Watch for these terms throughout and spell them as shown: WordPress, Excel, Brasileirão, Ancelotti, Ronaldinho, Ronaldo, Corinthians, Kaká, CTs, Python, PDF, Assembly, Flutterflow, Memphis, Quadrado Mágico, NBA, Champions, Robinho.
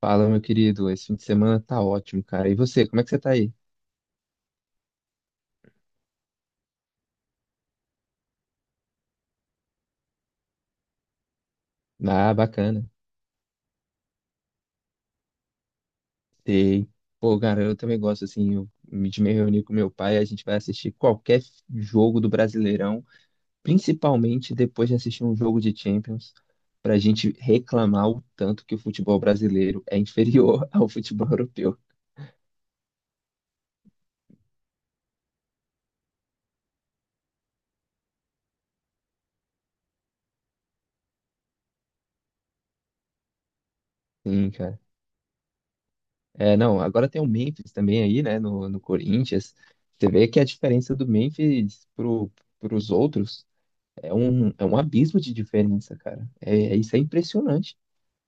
Fala, meu querido. Esse fim de semana tá ótimo, cara. E você, como é que você tá aí? Ah, bacana. Sei. Pô, cara, eu também gosto, assim, de me reunir com meu pai, a gente vai assistir qualquer jogo do Brasileirão, principalmente depois de assistir um jogo de Champions, pra gente reclamar o tanto que o futebol brasileiro é inferior ao futebol europeu. Sim, cara. É, não, agora tem o Memphis também aí, né, no Corinthians. Você vê que a diferença do Memphis pros outros. É um abismo de diferença, cara. Isso é impressionante.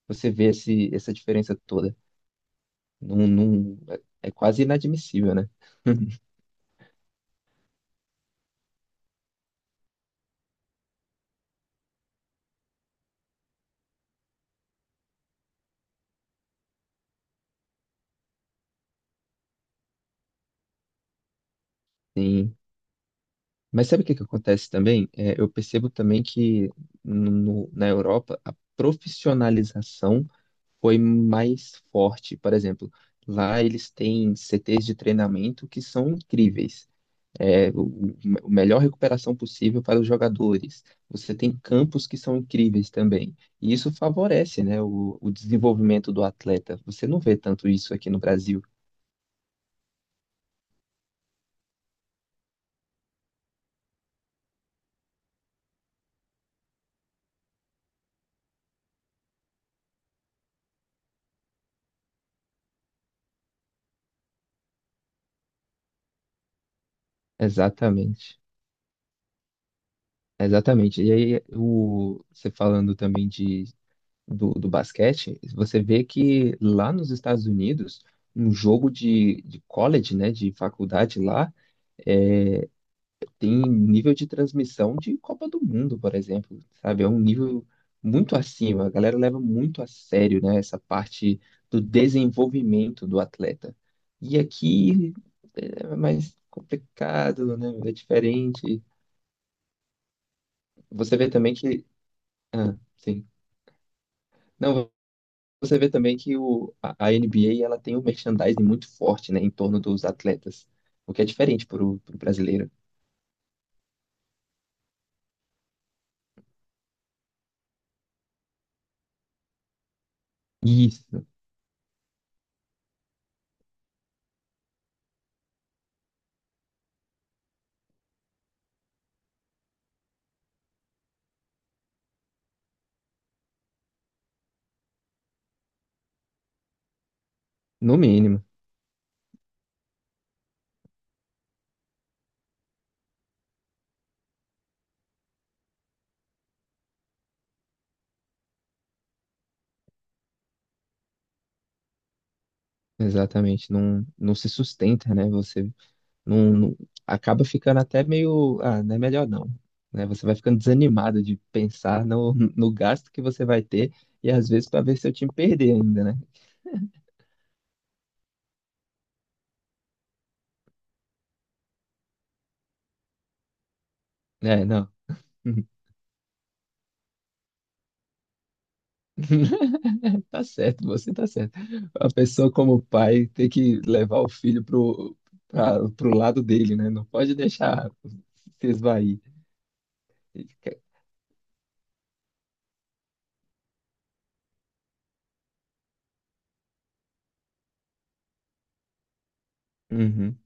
Você vê essa diferença toda. É quase inadmissível, né? Sim. Mas sabe o que que acontece também? É, eu percebo também que na Europa a profissionalização foi mais forte. Por exemplo, lá eles têm CTs de treinamento que são incríveis. é, o, o melhor recuperação possível para os jogadores. Você tem campos que são incríveis também. E isso favorece, né, o desenvolvimento do atleta. Você não vê tanto isso aqui no Brasil. Exatamente. Exatamente. E aí, você falando também do basquete, você vê que lá nos Estados Unidos, um jogo de college, né, de faculdade lá, tem nível de transmissão de Copa do Mundo, por exemplo, sabe? É um nível muito acima. A galera leva muito a sério, né, essa parte do desenvolvimento do atleta. E aqui é mais complicado, né? É diferente. Você vê também que, ah, sim. Não, você vê também que a NBA ela tem um merchandising muito forte, né, em torno dos atletas, o que é diferente para o brasileiro. Isso, no mínimo. Exatamente, não, não se sustenta, né? Você não, não- acaba ficando até meio, ah, não é melhor não, né? Você vai ficando desanimado de pensar no gasto que você vai ter e às vezes para ver seu time perder ainda, né? É, não. Tá certo, você tá certo. A pessoa como pai tem que levar o filho pro lado dele, né? Não pode deixar se esvair. Uhum.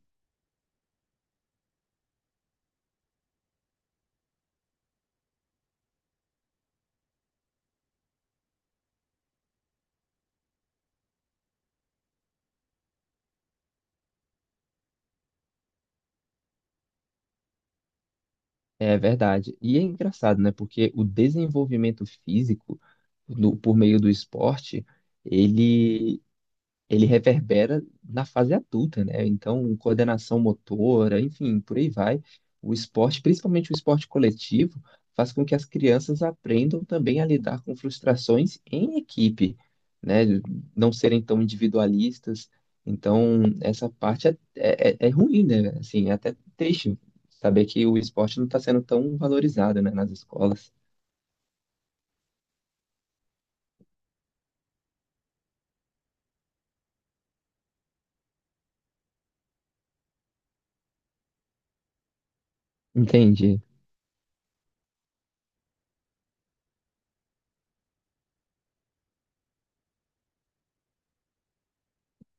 É verdade. E é engraçado, né? Porque o desenvolvimento físico por meio do esporte, ele ele reverbera na fase adulta, né? Então, coordenação motora, enfim, por aí vai. O esporte, principalmente o esporte coletivo, faz com que as crianças aprendam também a lidar com frustrações em equipe, né? Não serem tão individualistas. Então, essa parte é ruim, né? Assim, é até triste saber que o esporte não está sendo tão valorizado, né, nas escolas. Entendi.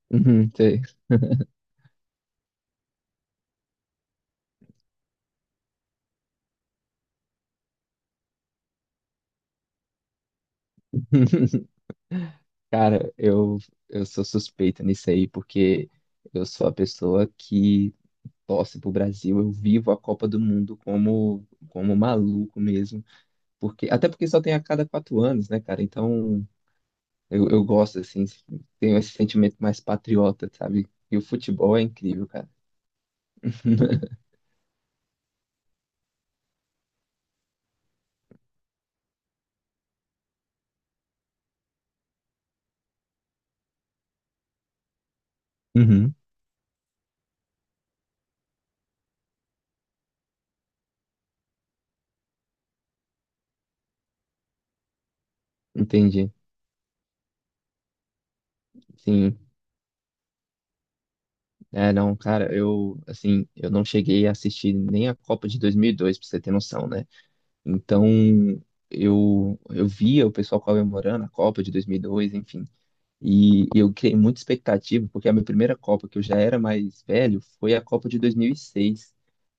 Uhum, sei. Cara, eu sou suspeita nisso aí, porque eu sou a pessoa que torce pro Brasil, eu vivo a Copa do Mundo como maluco mesmo, porque até porque só tem a cada 4 anos, né, cara? Então eu gosto, assim, tenho esse sentimento mais patriota, sabe? E o futebol é incrível, cara. Uhum, entendi. Sim. É, não, cara, eu, assim, eu não cheguei a assistir nem a Copa de 2002, pra você ter noção, né? Então, eu via o pessoal comemorando a Copa de 2002, enfim. E eu criei muita expectativa, porque a minha primeira Copa, que eu já era mais velho, foi a Copa de 2006.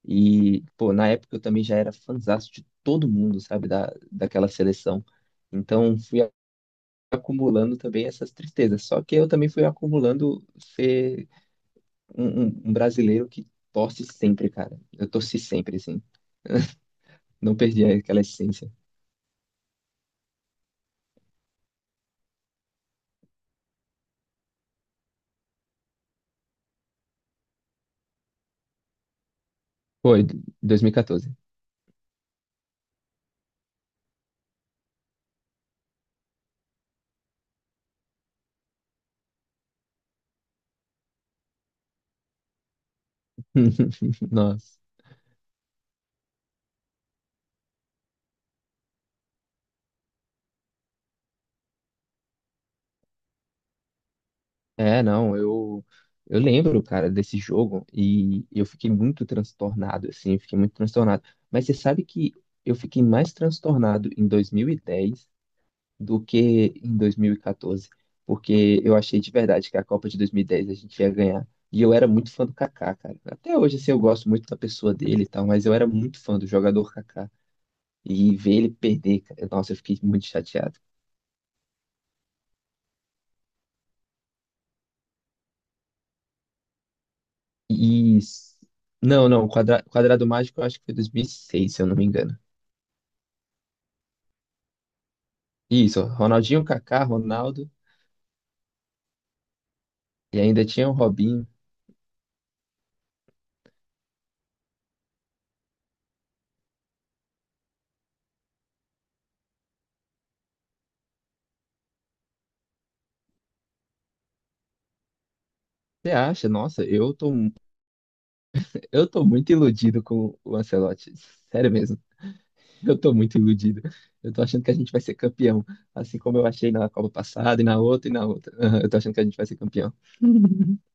E, seis. E, pô, na época eu também já era fãzaço de todo mundo, sabe, daquela seleção. Então, fui acumulando também essas tristezas. Só que eu também fui acumulando ser um brasileiro que torce sempre, cara. Eu torci sempre, assim. Não perdi aquela essência. Foi, 2014. Nossa. É, não, eu lembro, cara, desse jogo e eu fiquei muito transtornado, assim, fiquei muito transtornado. Mas você sabe que eu fiquei mais transtornado em 2010 do que em 2014, porque eu achei de verdade que a Copa de 2010 a gente ia ganhar. E eu era muito fã do Kaká, cara. Até hoje, assim, eu gosto muito da pessoa dele e tal, mas eu era muito fã do jogador Kaká. E ver ele perder, cara, nossa, eu fiquei muito chateado. E. Não, não, Quadrado Mágico eu acho que foi 2006, se eu não me engano. Isso, Ronaldinho, Kaká, Ronaldo e ainda tinha o Robinho. Você acha? Nossa, eu tô muito iludido com o Ancelotti. Sério mesmo, eu tô muito iludido. Eu tô achando que a gente vai ser campeão, assim como eu achei na Copa passada e na outra e na outra. Aham, eu tô achando que a gente vai ser campeão.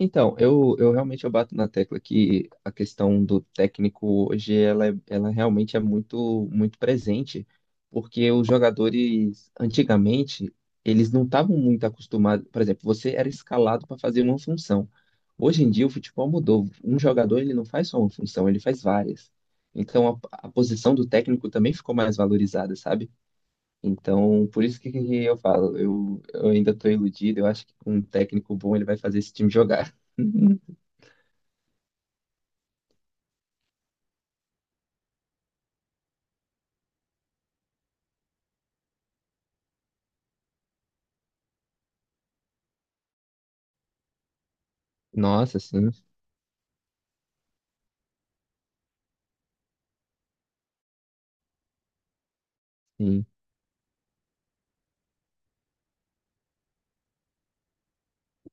Então, eu realmente eu bato na tecla que a questão do técnico hoje ela realmente é muito muito presente, porque os jogadores antigamente eles não estavam muito acostumados, por exemplo, você era escalado para fazer uma função. Hoje em dia o futebol mudou. Um jogador ele não faz só uma função, ele faz várias. Então a posição do técnico também ficou mais valorizada, sabe? Então, por isso que eu falo, eu ainda estou iludido, eu acho que com um técnico bom ele vai fazer esse time jogar. Nossa, sim, sim,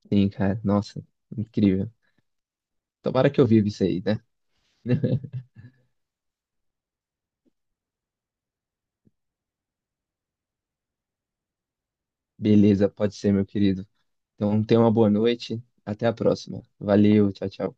sim, cara, nossa, incrível. Tomara que eu viva isso aí, né? Beleza, pode ser, meu querido. Então, tenha uma boa noite, até a próxima. Valeu, tchau, tchau.